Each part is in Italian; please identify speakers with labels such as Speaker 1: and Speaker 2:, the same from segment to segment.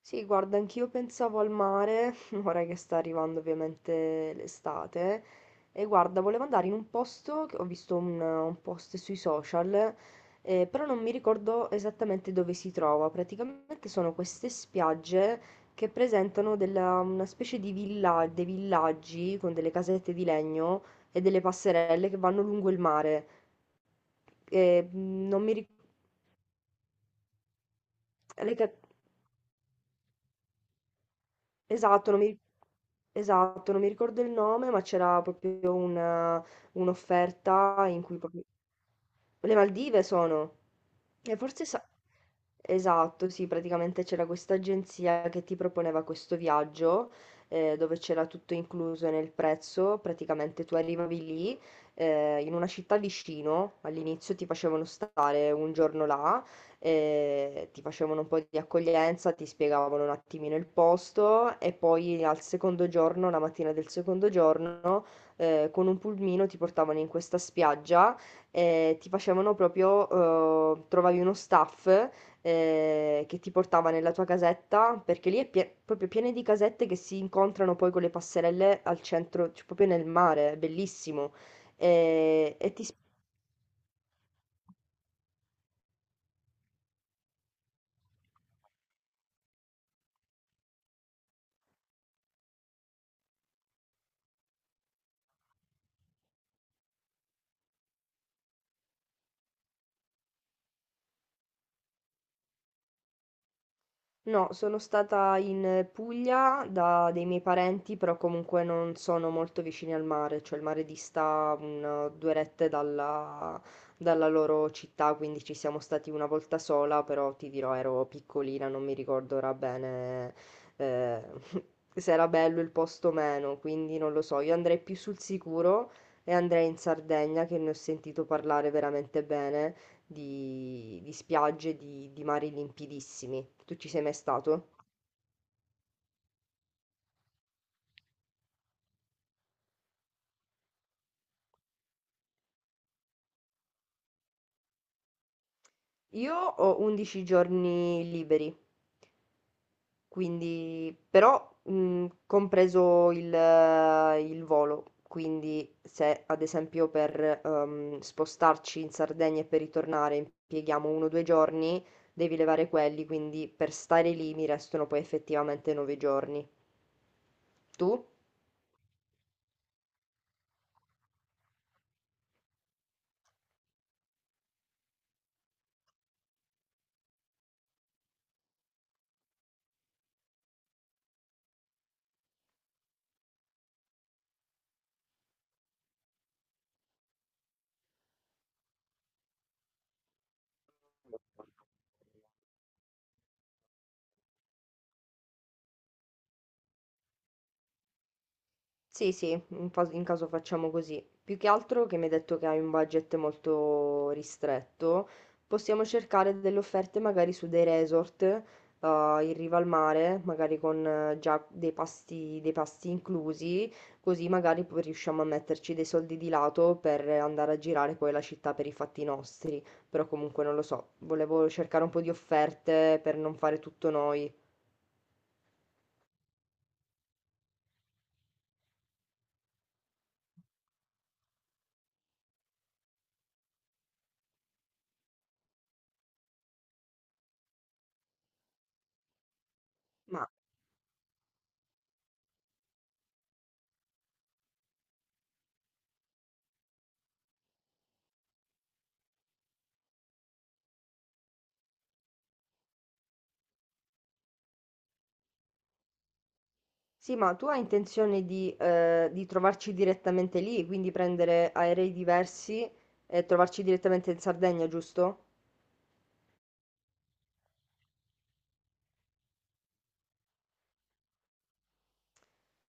Speaker 1: Sì, guarda, anch'io pensavo al mare, ora che sta arrivando ovviamente l'estate, e guarda, volevo andare in un posto, che ho visto un post sui social, però non mi ricordo esattamente dove si trova. Praticamente sono queste spiagge che presentano una specie di villa, dei villaggi con delle casette di legno e delle passerelle che vanno lungo il mare. Non mi ricordo... Esatto, non mi, ri- esatto, non mi ricordo il nome, ma c'era un'offerta in cui proprio... Le Maldive sono. E forse sa- Esatto, sì, praticamente c'era questa agenzia che ti proponeva questo viaggio, dove c'era tutto incluso nel prezzo, praticamente tu arrivavi lì, in una città vicino, all'inizio ti facevano stare un giorno là, ti facevano un po' di accoglienza, ti spiegavano un attimino il posto e poi al secondo giorno, la mattina del secondo giorno, con un pulmino ti portavano in questa spiaggia e ti facevano proprio, trovavi uno staff che ti portava nella tua casetta, perché lì è proprio piena di casette che si incontrano poi con le passerelle al centro, cioè proprio nel mare, è bellissimo. E, ti No, sono stata in Puglia da dei miei parenti, però comunque non sono molto vicini al mare, cioè il mare dista due rette dalla loro città, quindi ci siamo stati una volta sola, però ti dirò ero piccolina, non mi ricordo ora bene, eh, se era bello il posto o meno, quindi non lo so, io andrei più sul sicuro e andrei in Sardegna che ne ho sentito parlare veramente bene di spiagge, di mari limpidissimi. Tu ci sei mai stato? Io ho 11 giorni liberi, quindi però compreso il volo, quindi se ad esempio per spostarci in Sardegna e per ritornare impieghiamo uno o due giorni, devi levare quelli, quindi per stare lì mi restano poi effettivamente 9 giorni. Tu? Sì, sì, in caso facciamo così. Più che altro che mi hai detto che hai un budget molto ristretto, possiamo cercare delle offerte magari su dei resort in riva al mare, magari con già dei pasti inclusi, così magari poi riusciamo a metterci dei soldi di lato per andare a girare poi la città per i fatti nostri. Però comunque non lo so, volevo cercare un po' di offerte per non fare tutto noi. Ma sì, ma tu hai intenzione di trovarci direttamente lì, quindi prendere aerei diversi e trovarci direttamente in Sardegna, giusto?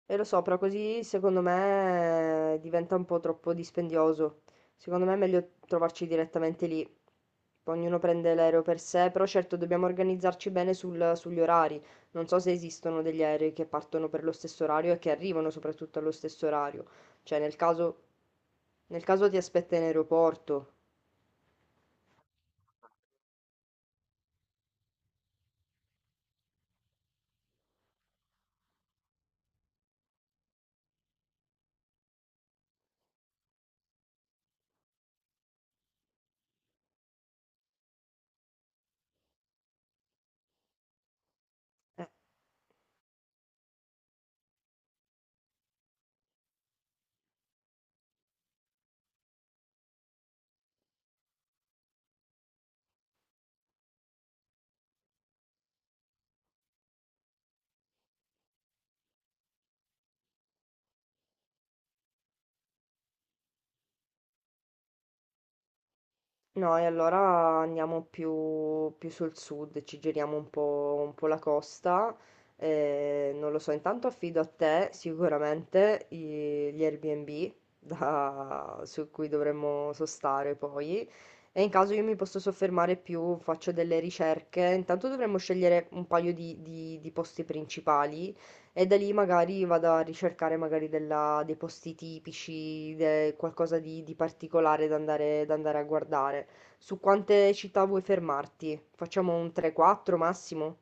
Speaker 1: E lo so, però così secondo me diventa un po' troppo dispendioso. Secondo me è meglio trovarci direttamente lì. Poi ognuno prende l'aereo per sé, però certo dobbiamo organizzarci bene sugli orari. Non so se esistono degli aerei che partono per lo stesso orario e che arrivano soprattutto allo stesso orario. Cioè, nel caso ti aspetta in aeroporto. No, e allora andiamo più sul sud, ci giriamo un po' la costa. Eh, non lo so, intanto affido a te sicuramente gli Airbnb su cui dovremmo sostare poi. E in caso io mi posso soffermare più, faccio delle ricerche. Intanto dovremmo scegliere un paio di posti principali e da lì magari vado a ricercare dei posti tipici, qualcosa di particolare da andare a guardare. Su quante città vuoi fermarti? Facciamo un 3-4 massimo?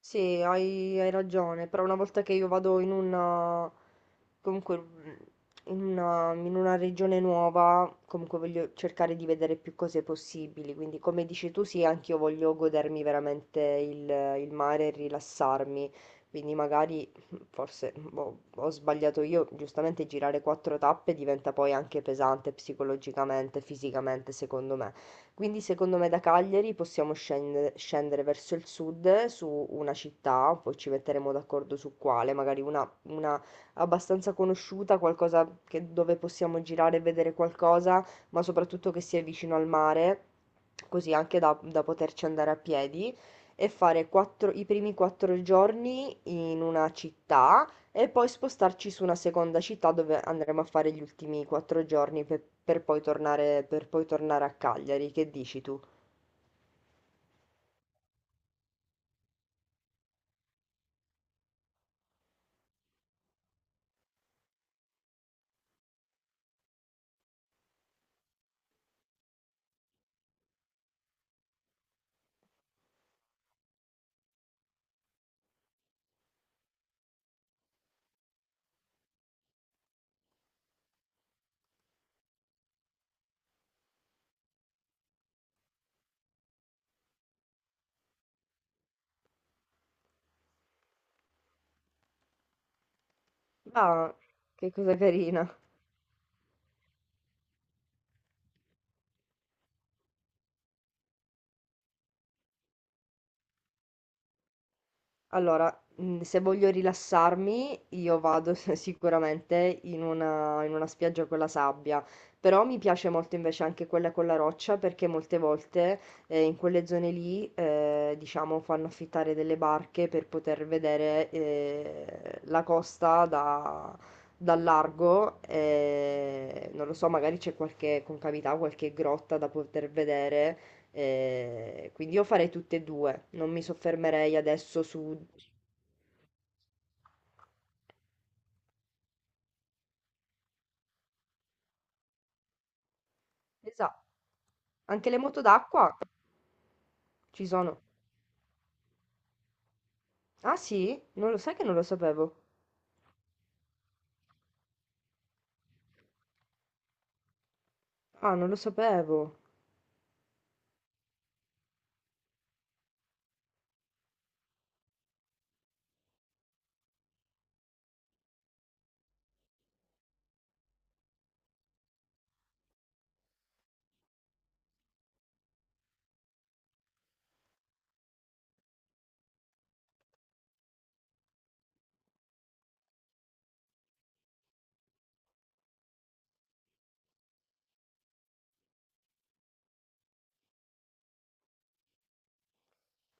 Speaker 1: Sì, hai ragione, però una volta che io vado in una... comunque in una regione nuova, comunque voglio cercare di vedere più cose possibili, quindi come dici tu sì, anch'io voglio godermi veramente il mare e rilassarmi, quindi magari forse boh, ho sbagliato io, giustamente girare quattro tappe diventa poi anche pesante psicologicamente, fisicamente, secondo me. Quindi secondo me da Cagliari possiamo scendere verso il sud su una città, poi ci metteremo d'accordo su quale, magari una abbastanza conosciuta, qualcosa dove possiamo girare e vedere qualcosa, ma soprattutto che sia vicino al mare, così anche da poterci andare a piedi e fare i primi quattro giorni in una città e poi spostarci su una seconda città dove andremo a fare gli ultimi quattro giorni per poi tornare a Cagliari. Che dici tu? Ah, che cosa carina. Allora, mhmm, se voglio rilassarmi io vado sicuramente in una spiaggia con la sabbia, però mi piace molto invece anche quella con la roccia perché molte volte, in quelle zone lì, diciamo fanno affittare delle barche per poter vedere, la costa da dal largo, non lo so, magari c'è qualche concavità, qualche grotta da poter vedere, quindi io farei tutte e due, non mi soffermerei adesso su... Esatto, anche le moto d'acqua ci sono. Ah sì? Non lo sai che non lo sapevo. Ah, non lo sapevo.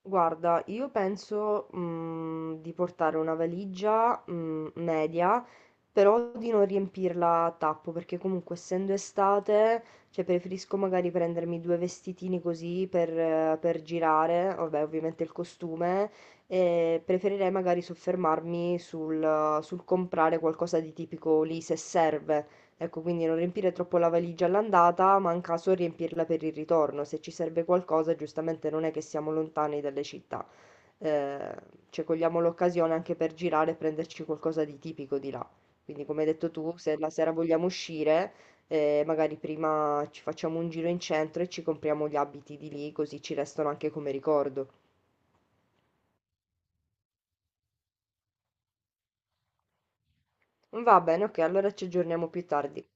Speaker 1: Guarda, io penso, mhmm, di portare una valigia, mhmm, media, però di non riempirla a tappo, perché comunque essendo estate, cioè preferisco magari prendermi 2 vestitini così per girare, vabbè ovviamente il costume, e preferirei magari soffermarmi sul comprare qualcosa di tipico lì se serve. Ecco, quindi non riempire troppo la valigia all'andata, ma in caso riempirla per il ritorno. Se ci serve qualcosa, giustamente non è che siamo lontani dalle città. Eh, cioè, cogliamo l'occasione anche per girare e prenderci qualcosa di tipico di là. Quindi, come hai detto tu, se la sera vogliamo uscire, magari prima ci facciamo un giro in centro e ci compriamo gli abiti di lì, così ci restano anche come ricordo. Va bene, ok, allora ci aggiorniamo più tardi.